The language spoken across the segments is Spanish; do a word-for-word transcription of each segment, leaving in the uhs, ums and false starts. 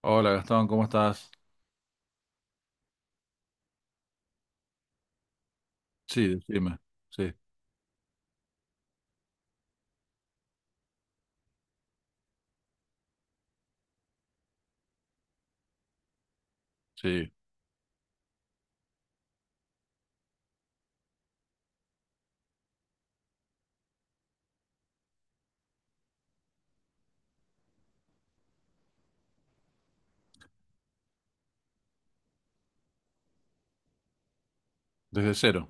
Hola Gastón, ¿cómo estás? Sí, decime. Sí, sí, desde cero,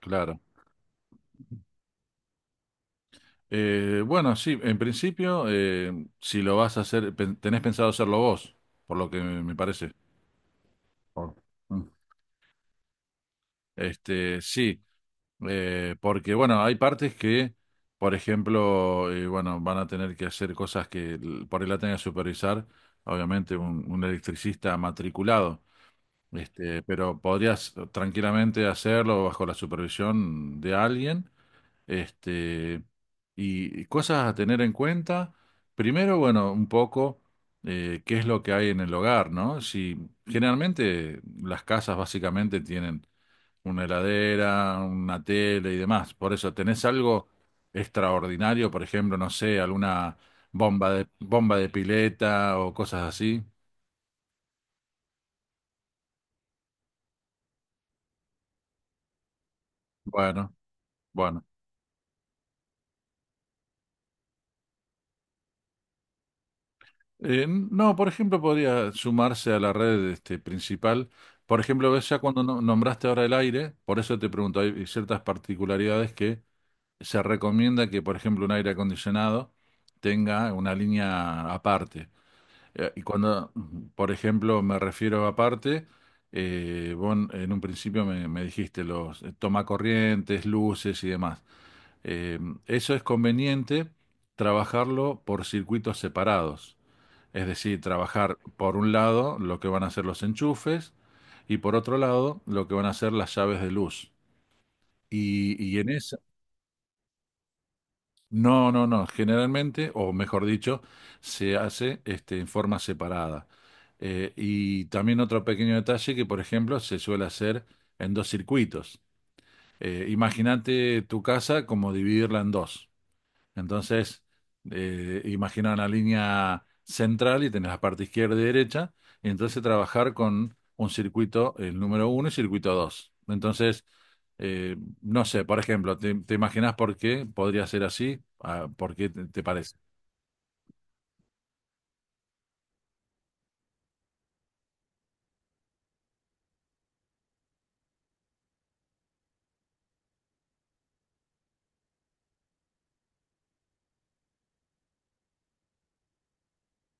claro. Eh, bueno, sí, en principio, eh, si lo vas a hacer, pen- tenés pensado hacerlo vos, por lo que me me parece. Por- Mm. Este, sí, eh, porque bueno, hay partes que, por ejemplo, eh, bueno, van a tener que hacer cosas que l- por ahí la tenga que supervisar, obviamente un, un electricista matriculado. Este, pero podrías tranquilamente hacerlo bajo la supervisión de alguien. Este, y y cosas a tener en cuenta. Primero, bueno, un poco, eh, qué es lo que hay en el hogar, ¿no? Si Generalmente las casas básicamente tienen una heladera, una tele y demás. Por eso, ¿tenés algo extraordinario? Por ejemplo, no sé, alguna bomba de, bomba de pileta o cosas así. Bueno, bueno. Eh, no, por ejemplo, podría sumarse a la red, este, principal. Por ejemplo, ves ya cuando no- nombraste ahora el aire, por eso te pregunto, hay ciertas particularidades que se recomienda que, por ejemplo, un aire acondicionado tenga una línea aparte. Eh, y cuando, por ejemplo, me refiero a aparte, eh, vos en en un principio me, me dijiste los eh, tomacorrientes, luces y demás. Eh, Eso es conveniente trabajarlo por circuitos separados. Es decir, trabajar por un lado lo que van a ser los enchufes y por otro lado lo que van a ser las llaves de luz. Y, y en esa, no, no, no, generalmente, o mejor dicho, se hace, este, en forma separada. Eh, y también otro pequeño detalle que, por ejemplo, se suele hacer en dos circuitos. Eh, imagínate tu casa como dividirla en dos. Entonces, eh, imagina una línea central y tenés la parte izquierda y derecha, y entonces trabajar con un circuito, el número uno y circuito dos. Entonces, eh, no sé, por ejemplo, ¿te, te imaginas por qué podría ser así? Ah, ¿por qué te, te parece?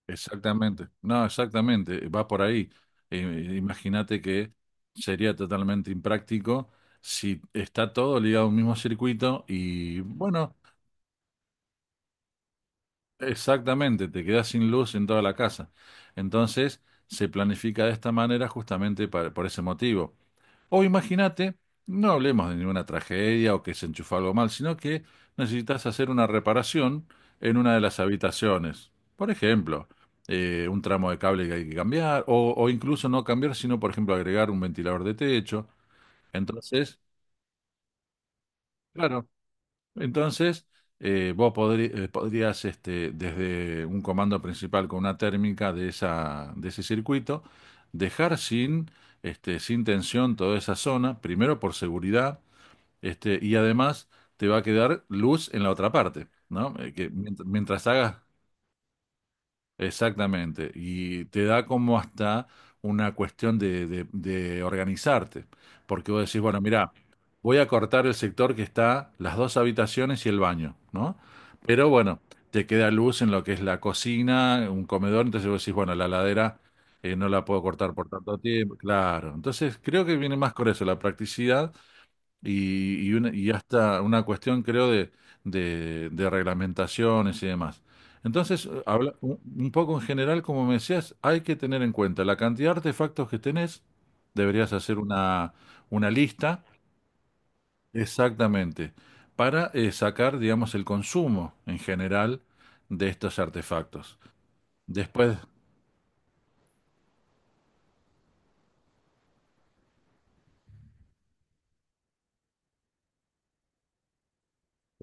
Exactamente, no, exactamente, va por ahí. Eh, imagínate que sería totalmente impráctico si está todo ligado a un mismo circuito y bueno. Exactamente, te quedas sin luz en toda la casa. Entonces, se planifica de esta manera justamente para- por ese motivo. O imagínate, no hablemos de ninguna tragedia o que se enchufó algo mal, sino que necesitas hacer una reparación en una de las habitaciones. Por ejemplo, eh, un tramo de cable que hay que cambiar, o, o incluso no cambiar, sino, por ejemplo, agregar un ventilador de techo. Entonces, claro. Entonces, eh, vos podrí- eh, podrías, este, desde un comando principal con una térmica de esa, de ese circuito, dejar sin, este, sin tensión toda esa zona, primero por seguridad, este, y además te va a quedar luz en la otra parte, ¿no? Eh, que mient- mientras hagas. Exactamente, y te da como hasta una cuestión de, de- de organizarte, porque vos decís, bueno, mira, voy a cortar el sector que está las dos habitaciones y el baño, ¿no? Pero bueno, te queda luz en lo que es la cocina, un comedor, entonces vos decís, bueno, la ladera no la puedo cortar por tanto tiempo, claro. Entonces creo que viene más con eso, la practicidad y, y una, y hasta una cuestión, creo, de, de- de reglamentaciones y demás. Entonces, eh, habla, un un poco en general, como me decías, hay que tener en cuenta la cantidad de artefactos que tenés, deberías hacer una, una lista exactamente para, eh, sacar, digamos, el consumo en general de estos artefactos. Después,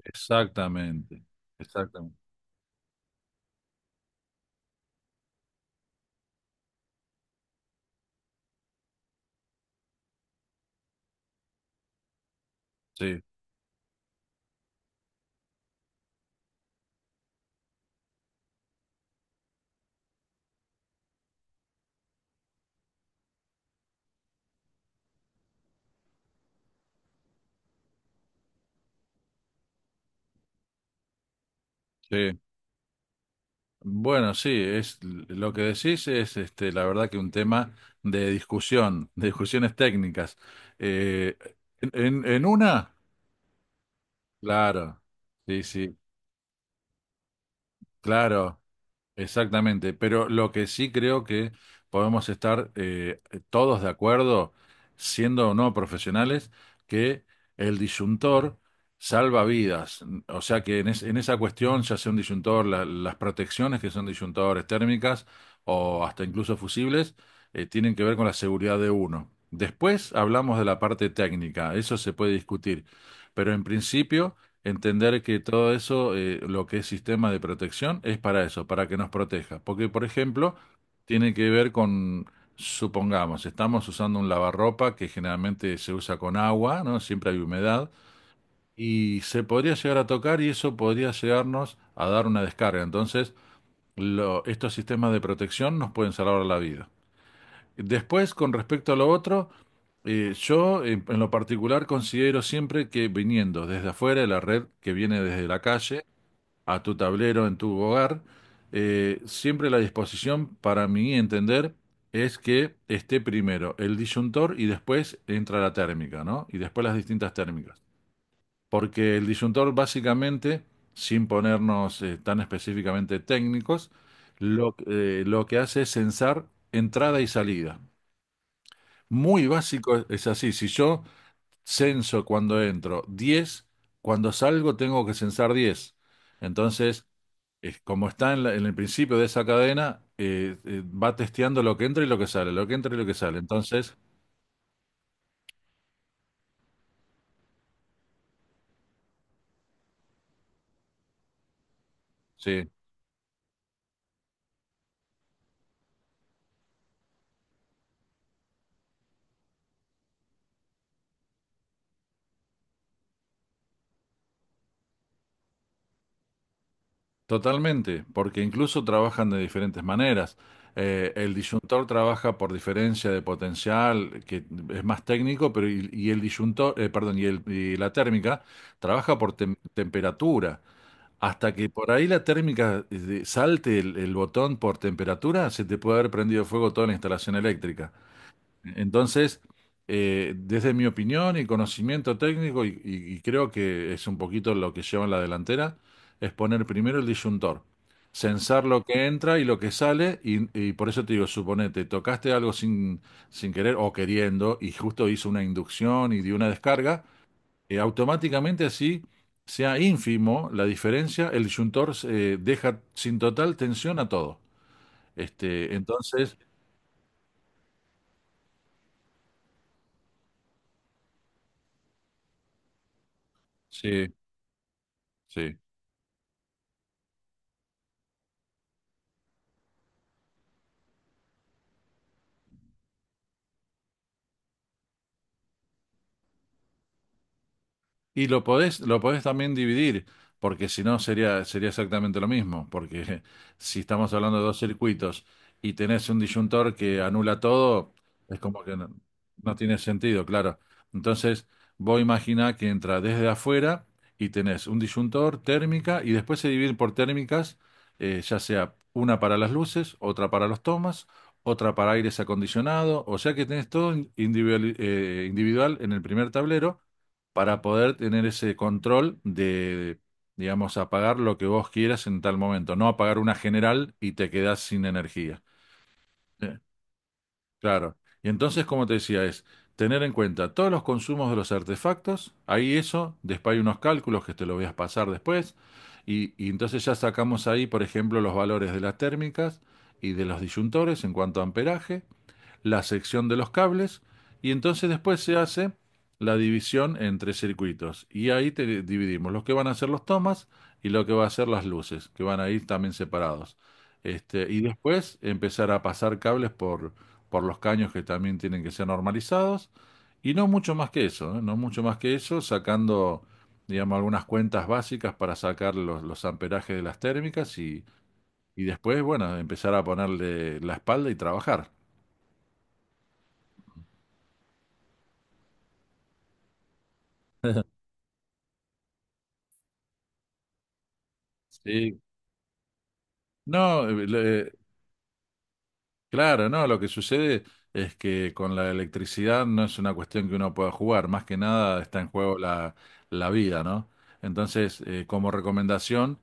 exactamente, exactamente, sí, sí. Bueno, sí, es lo que decís es, este, la verdad que un tema de discusión, de discusiones técnicas. Eh, en, en en una, claro, sí, sí, claro. Exactamente, pero lo que sí creo que podemos estar, eh, todos de acuerdo, siendo o no profesionales, que el disyuntor salva vidas. O sea que en, es- en esa cuestión, ya sea un disyuntor, la- las protecciones que son disyuntadores térmicas o hasta incluso fusibles, eh, tienen que ver con la seguridad de uno. Después hablamos de la parte técnica, eso se puede discutir, pero en principio, entender que todo eso, eh, lo que es sistema de protección, es para eso, para que nos proteja. Porque, por ejemplo, tiene que ver con, supongamos, estamos usando un lavarropa que generalmente se usa con agua, ¿no? Siempre hay humedad, y se podría llegar a tocar y eso podría llegarnos a dar una descarga. Entonces, lo- estos sistemas de protección nos pueden salvar la vida. Después, con respecto a lo otro, eh, yo en, en lo particular considero siempre que viniendo desde afuera, de la red que viene desde la calle a tu tablero en tu hogar, eh, siempre la disposición para mí entender es que esté primero el disyuntor y después entra la térmica, ¿no? Y después las distintas térmicas. Porque el disyuntor básicamente, sin ponernos eh, tan específicamente técnicos, lo, eh, lo que hace es censar entrada y salida. Muy básico es es así. Si yo censo cuando entro diez, cuando salgo tengo que censar diez. Entonces, es como está en, la- en el principio de esa cadena, eh, eh, va testeando lo que entra y lo que sale, lo que entra y lo que sale. Entonces, sí, totalmente, porque incluso trabajan de diferentes maneras. Eh, el disyuntor trabaja por diferencia de potencial, que es más técnico, pero y, y el disyuntor, eh, perdón, y, el- y la térmica trabaja por tem- temperatura. Hasta que por ahí la térmica, eh, salte el, el botón por temperatura, se te puede haber prendido fuego toda la instalación eléctrica. Entonces, eh, desde mi opinión y conocimiento técnico, y, y- y creo que es un poquito lo que lleva en la delantera, es poner primero el disyuntor, censar lo que entra y lo que sale, y, y por eso te digo, suponete, tocaste algo sin, sin querer o queriendo, y justo hizo una inducción y dio una descarga, eh, automáticamente así sea ínfimo la diferencia, el disyuntor, eh, deja sin total tensión a todo. Este, entonces, sí, sí. Y lo podés, lo podés también dividir, porque si no sería, sería exactamente lo mismo, porque si estamos hablando de dos circuitos y tenés un disyuntor que anula todo, es como que no, no tiene sentido, claro. Entonces, vos imaginá que entra desde afuera y tenés un disyuntor, térmica, y después se divide por térmicas, eh, ya sea una para las luces, otra para los tomas, otra para aires acondicionado, o sea que tenés todo in- individual, eh, individual en el primer tablero para poder tener ese control de, digamos, apagar lo que vos quieras en tal momento, no apagar una general y te quedás sin energía. Eh, Claro. Y entonces, como te decía, es tener en cuenta todos los consumos de los artefactos, ahí eso, después hay unos cálculos que te lo voy a pasar después, y, y entonces ya sacamos ahí, por ejemplo, los valores de las térmicas y de los disyuntores en cuanto a amperaje, la sección de los cables y entonces después se hace la división entre circuitos y ahí te dividimos lo que van a ser los tomas y lo que va a ser las luces, que van a ir también separados. Este, y después empezar a pasar cables por, por los caños que también tienen que ser normalizados y no mucho más que eso, ¿eh? No mucho más que eso, sacando, digamos, algunas cuentas básicas para sacar los, los amperajes de las térmicas y, y después, bueno, empezar a ponerle la espalda y trabajar. Sí, no, eh, le- claro, no, lo que sucede es que con la electricidad no es una cuestión que uno pueda jugar, más que nada está en juego la, la vida, ¿no? Entonces, eh, como recomendación,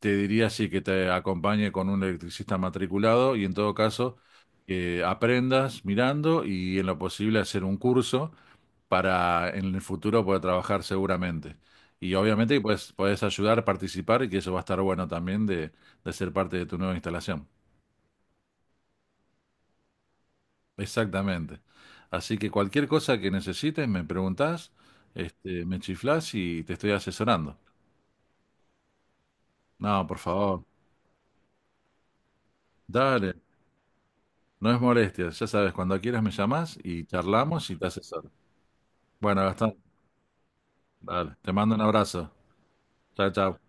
te diría sí que te acompañe con un electricista matriculado y en todo caso que aprendas mirando y en lo posible hacer un curso para en el futuro poder trabajar seguramente. Y obviamente pues, puedes ayudar, participar y que eso va a estar bueno también de, de ser parte de tu nueva instalación. Exactamente. Así que cualquier cosa que necesites, me preguntás, este, me chiflás y te estoy asesorando. No, por favor, dale, no es molestia. Ya sabes, cuando quieras me llamás y charlamos y te asesoro. Bueno, Gastón, dale, te mando un abrazo. Chao, chao.